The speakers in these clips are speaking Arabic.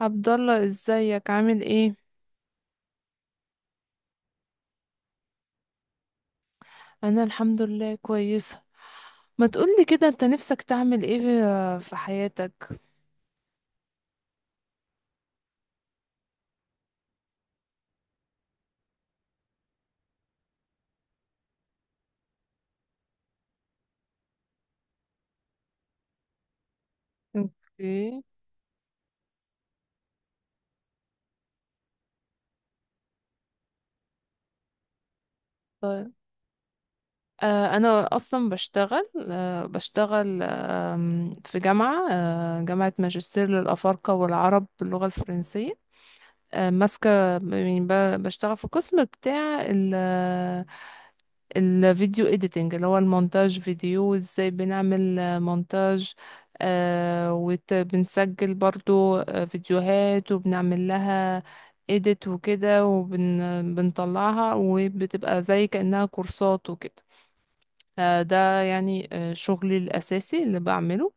عبد الله، ازيك؟ عامل ايه؟ انا الحمد لله كويسه. ما تقولي كده، انت نفسك تعمل ايه في حياتك؟ اوكي. طيب. انا اصلا بشتغل، بشتغل في جامعه، جامعه ماجستير للافارقه والعرب باللغه الفرنسيه. ماسكه يعني، بشتغل في القسم بتاع الفيديو اديتنج، اللي هو المونتاج فيديو، وازاي بنعمل مونتاج. آه وبنسجل برضو فيديوهات وبنعمل لها اديت وكده، وبنطلعها وبتبقى زي كأنها كورسات وكده. ده يعني شغلي الأساسي اللي بعمله.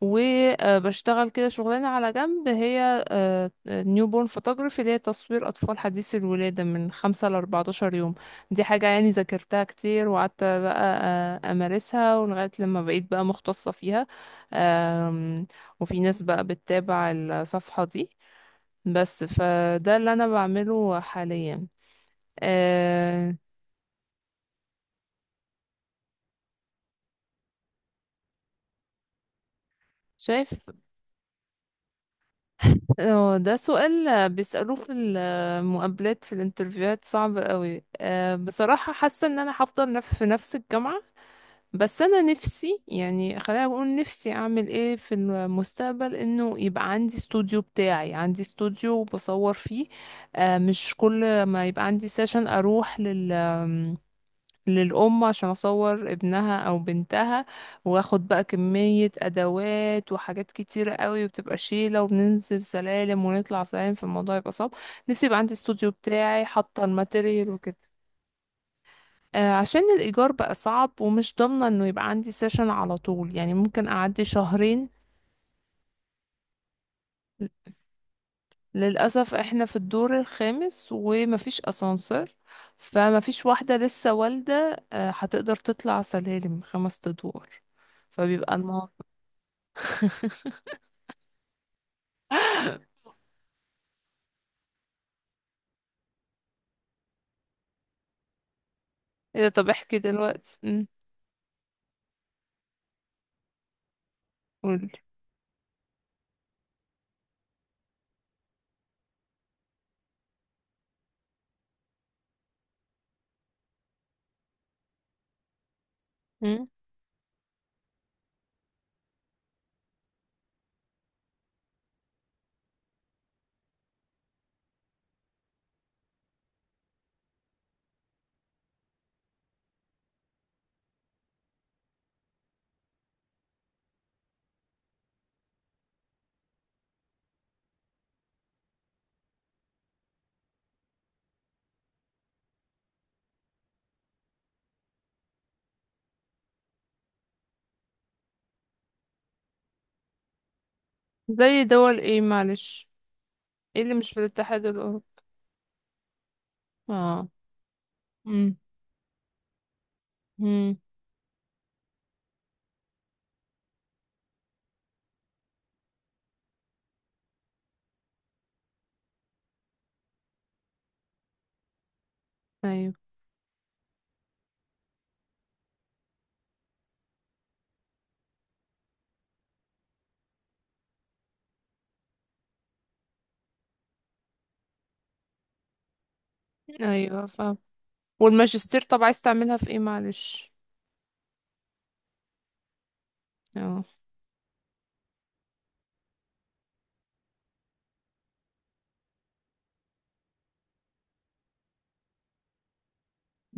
وبشتغل كده شغلانة على جنب، هي نيو بورن فوتوغرافي، اللي هي تصوير أطفال حديثي الولادة من خمسة لأربعتاشر يوم. دي حاجة يعني ذاكرتها كتير، وقعدت بقى أمارسها ولغاية لما بقيت بقى مختصة فيها. آم، وفي ناس بقى بتتابع الصفحة دي. بس فده اللي أنا بعمله حاليا. آه، شايف. اه، ده سؤال بيسألوه في المقابلات، في الانترفيوهات، صعب قوي. بصراحة حاسة ان انا هفضل في نفس الجامعة. بس انا نفسي يعني، خلينا اقول نفسي اعمل ايه في المستقبل، انه يبقى عندي استوديو بتاعي، عندي استوديو بصور فيه. أه، مش كل ما يبقى عندي سيشن اروح للأم عشان أصور ابنها أو بنتها، وآخد بقى كمية أدوات وحاجات كتيرة قوي، وبتبقى شيلة، وبننزل سلالم ونطلع سلالم، فالموضوع يبقى صعب. نفسي يبقى عندي استوديو بتاعي، حاطة الماتيريال وكده. عشان الإيجار بقى صعب، ومش ضامنة إنه يبقى عندي سيشن على طول، يعني ممكن أعدي شهرين. للأسف احنا في الدور الخامس ومفيش أسانسير، فمفيش واحدة لسه والدة هتقدر تطلع سلالم خمس أدوار. فبيبقى الموضوع. ايه ده؟ طب احكي دلوقتي. قولي. امم. زي دول ايه؟ معلش، ايه اللي مش في الاتحاد الاوروبي؟ اه. امم. امم. ايوه. ايوه، فاهم. والماجستير طب عايز تعملها في ايه؟ معلش. اه.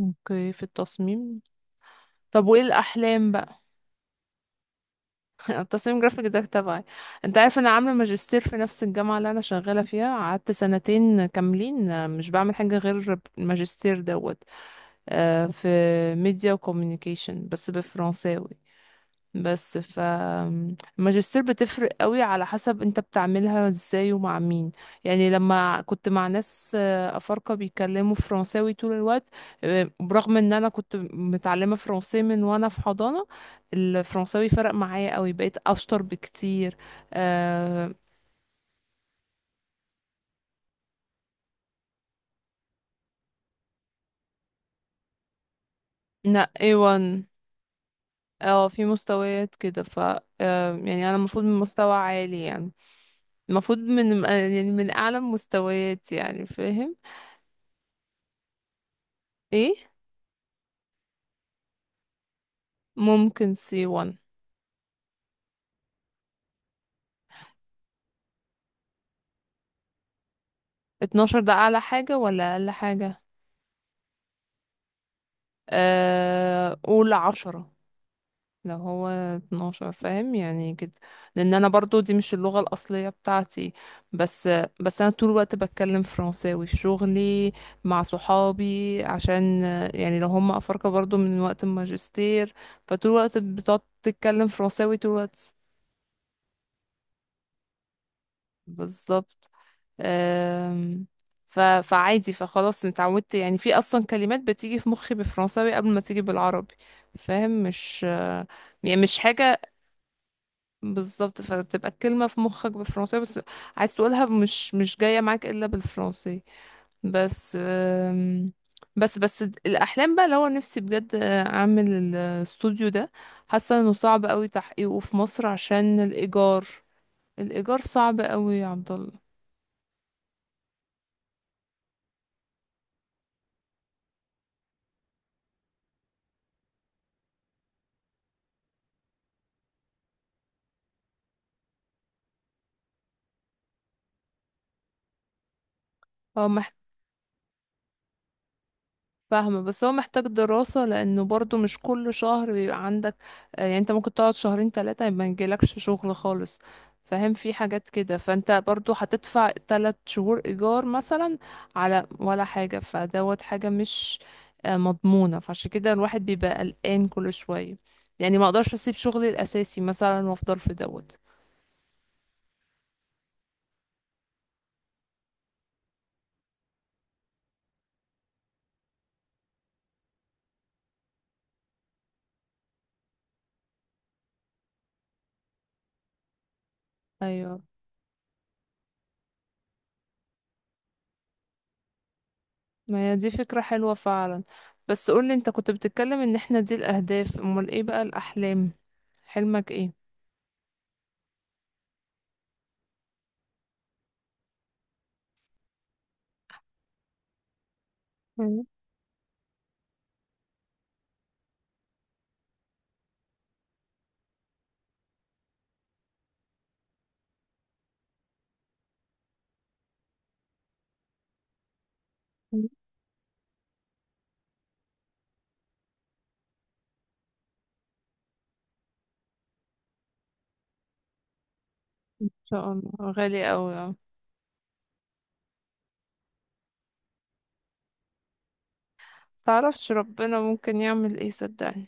اوكي، في التصميم. طب وايه الاحلام بقى؟ التصميم جرافيك ده تبعي. انت عارف، انا عامله ماجستير في نفس الجامعه اللي انا شغاله فيها، قعدت سنتين كاملين مش بعمل حاجه غير الماجستير دوت. في ميديا وكوميونيكيشن، بس بالفرنساوي. بس الماجستير بتفرق قوي على حسب انت بتعملها ازاي ومع مين. يعني لما كنت مع ناس افارقة بيتكلموا فرنساوي طول الوقت، برغم ان انا كنت متعلمة فرنسي من وانا في حضانة، الفرنساوي فرق معايا قوي، بقيت اشطر بكتير. آه، لا، A1. اه، في مستويات كده، ف يعني انا المفروض من مستوى عالي يعني. المفروض من يعني من اعلى مستويات، يعني فاهم. ايه. ممكن سي 1. 12 ده اعلى حاجة ولا اقل حاجة؟ قول 10. لو هو 12، فاهم يعني كده. لان انا برضو دي مش اللغة الاصلية بتاعتي. بس، انا طول الوقت بتكلم فرنساوي في شغلي، مع صحابي، عشان يعني لو هم افارقة برضو من وقت الماجستير، فطول الوقت بتقعد تتكلم فرنساوي طول الوقت. بالظبط. أم، فعادي. فخلاص اتعودت. يعني في اصلا كلمات بتيجي في مخي بالفرنساوي قبل ما تيجي بالعربي. فاهم؟ مش يعني مش حاجة. بالظبط، فبتبقى الكلمة في مخك بالفرنساوي، بس عايز تقولها، مش جاية معاك الا بالفرنسي. بس بس الاحلام بقى، اللي هو نفسي بجد اعمل الاستوديو ده. حاسه انه صعب قوي تحقيقه في مصر عشان الايجار. الايجار صعب قوي يا عبد الله. اه. فاهمة، بس هو محتاج دراسة، لأنه برضو مش كل شهر بيبقى عندك يعني. انت ممكن تقعد شهرين تلاتة ما يجيلكش شغل خالص، فاهم؟ في حاجات كده، فانت برضو هتدفع تلات شهور إيجار مثلا على ولا حاجة. فدوت حاجة مش مضمونة، فعشان كده الواحد بيبقى قلقان كل شوية. يعني ما اقدرش اسيب شغلي الأساسي مثلا وافضل في دوت. ايوه. ما هي دي فكرة حلوة فعلا. بس قولي، انت كنت بتتكلم ان احنا دي الأهداف، امال ايه بقى الأحلام؟ حلمك ايه؟ مم. مم. ان شاء الله. غالي قوي اه. متعرفش ربنا ممكن يعمل ايه، صدقني.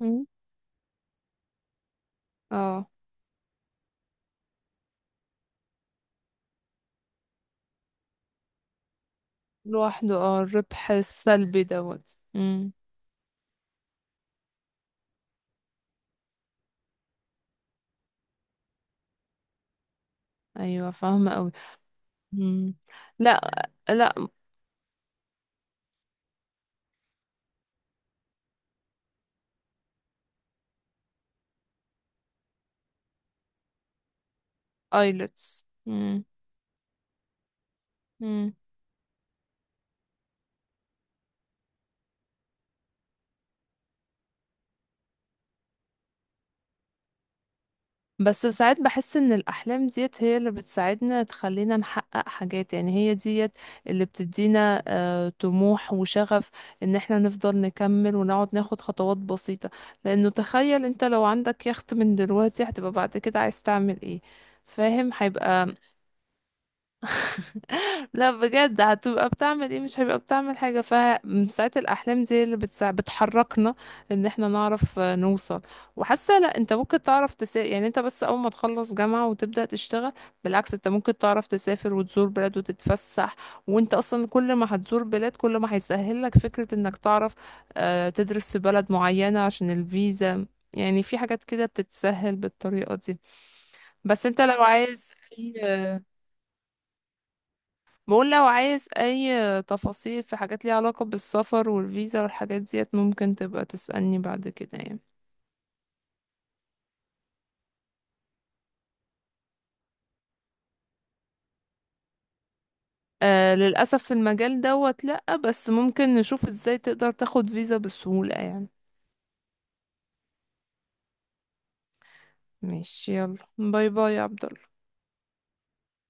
مم. اه، لوحده. اه، الربح السلبي دوت. مم. ايوه، فاهمه قوي. مم. لا لا. ايلتس. بس ساعات بحس ان الاحلام ديت هي اللي بتساعدنا، تخلينا نحقق حاجات. يعني هي ديت اللي بتدينا طموح وشغف، ان احنا نفضل نكمل ونقعد ناخد خطوات بسيطة. لانه تخيل انت لو عندك يخت من دلوقتي، هتبقى بعد كده عايز تعمل ايه؟ فاهم؟ هيبقى. لا بجد، هتبقى بتعمل ايه؟ مش هيبقى بتعمل حاجة. فساعات الأحلام دي اللي بتحركنا، ان احنا نعرف نوصل. وحاسة لا، انت ممكن تعرف تسافر، يعني انت بس أول ما تخلص جامعة وتبدأ تشتغل، بالعكس انت ممكن تعرف تسافر وتزور بلاد وتتفسح. وانت أصلا كل ما هتزور بلاد كل ما هيسهل لك فكرة انك تعرف تدرس في بلد معينة عشان الفيزا. يعني في حاجات كده بتتسهل بالطريقة دي. بس انت لو عايز، بقول لو عايز اي تفاصيل في حاجات ليها علاقة بالسفر والفيزا والحاجات ديت، ممكن تبقى تسألني بعد كده يعني. آه، للأسف في المجال دوت لأ، بس ممكن نشوف ازاي تقدر تاخد فيزا بسهولة يعني. ماشي، يلا، باي باي يا عبد.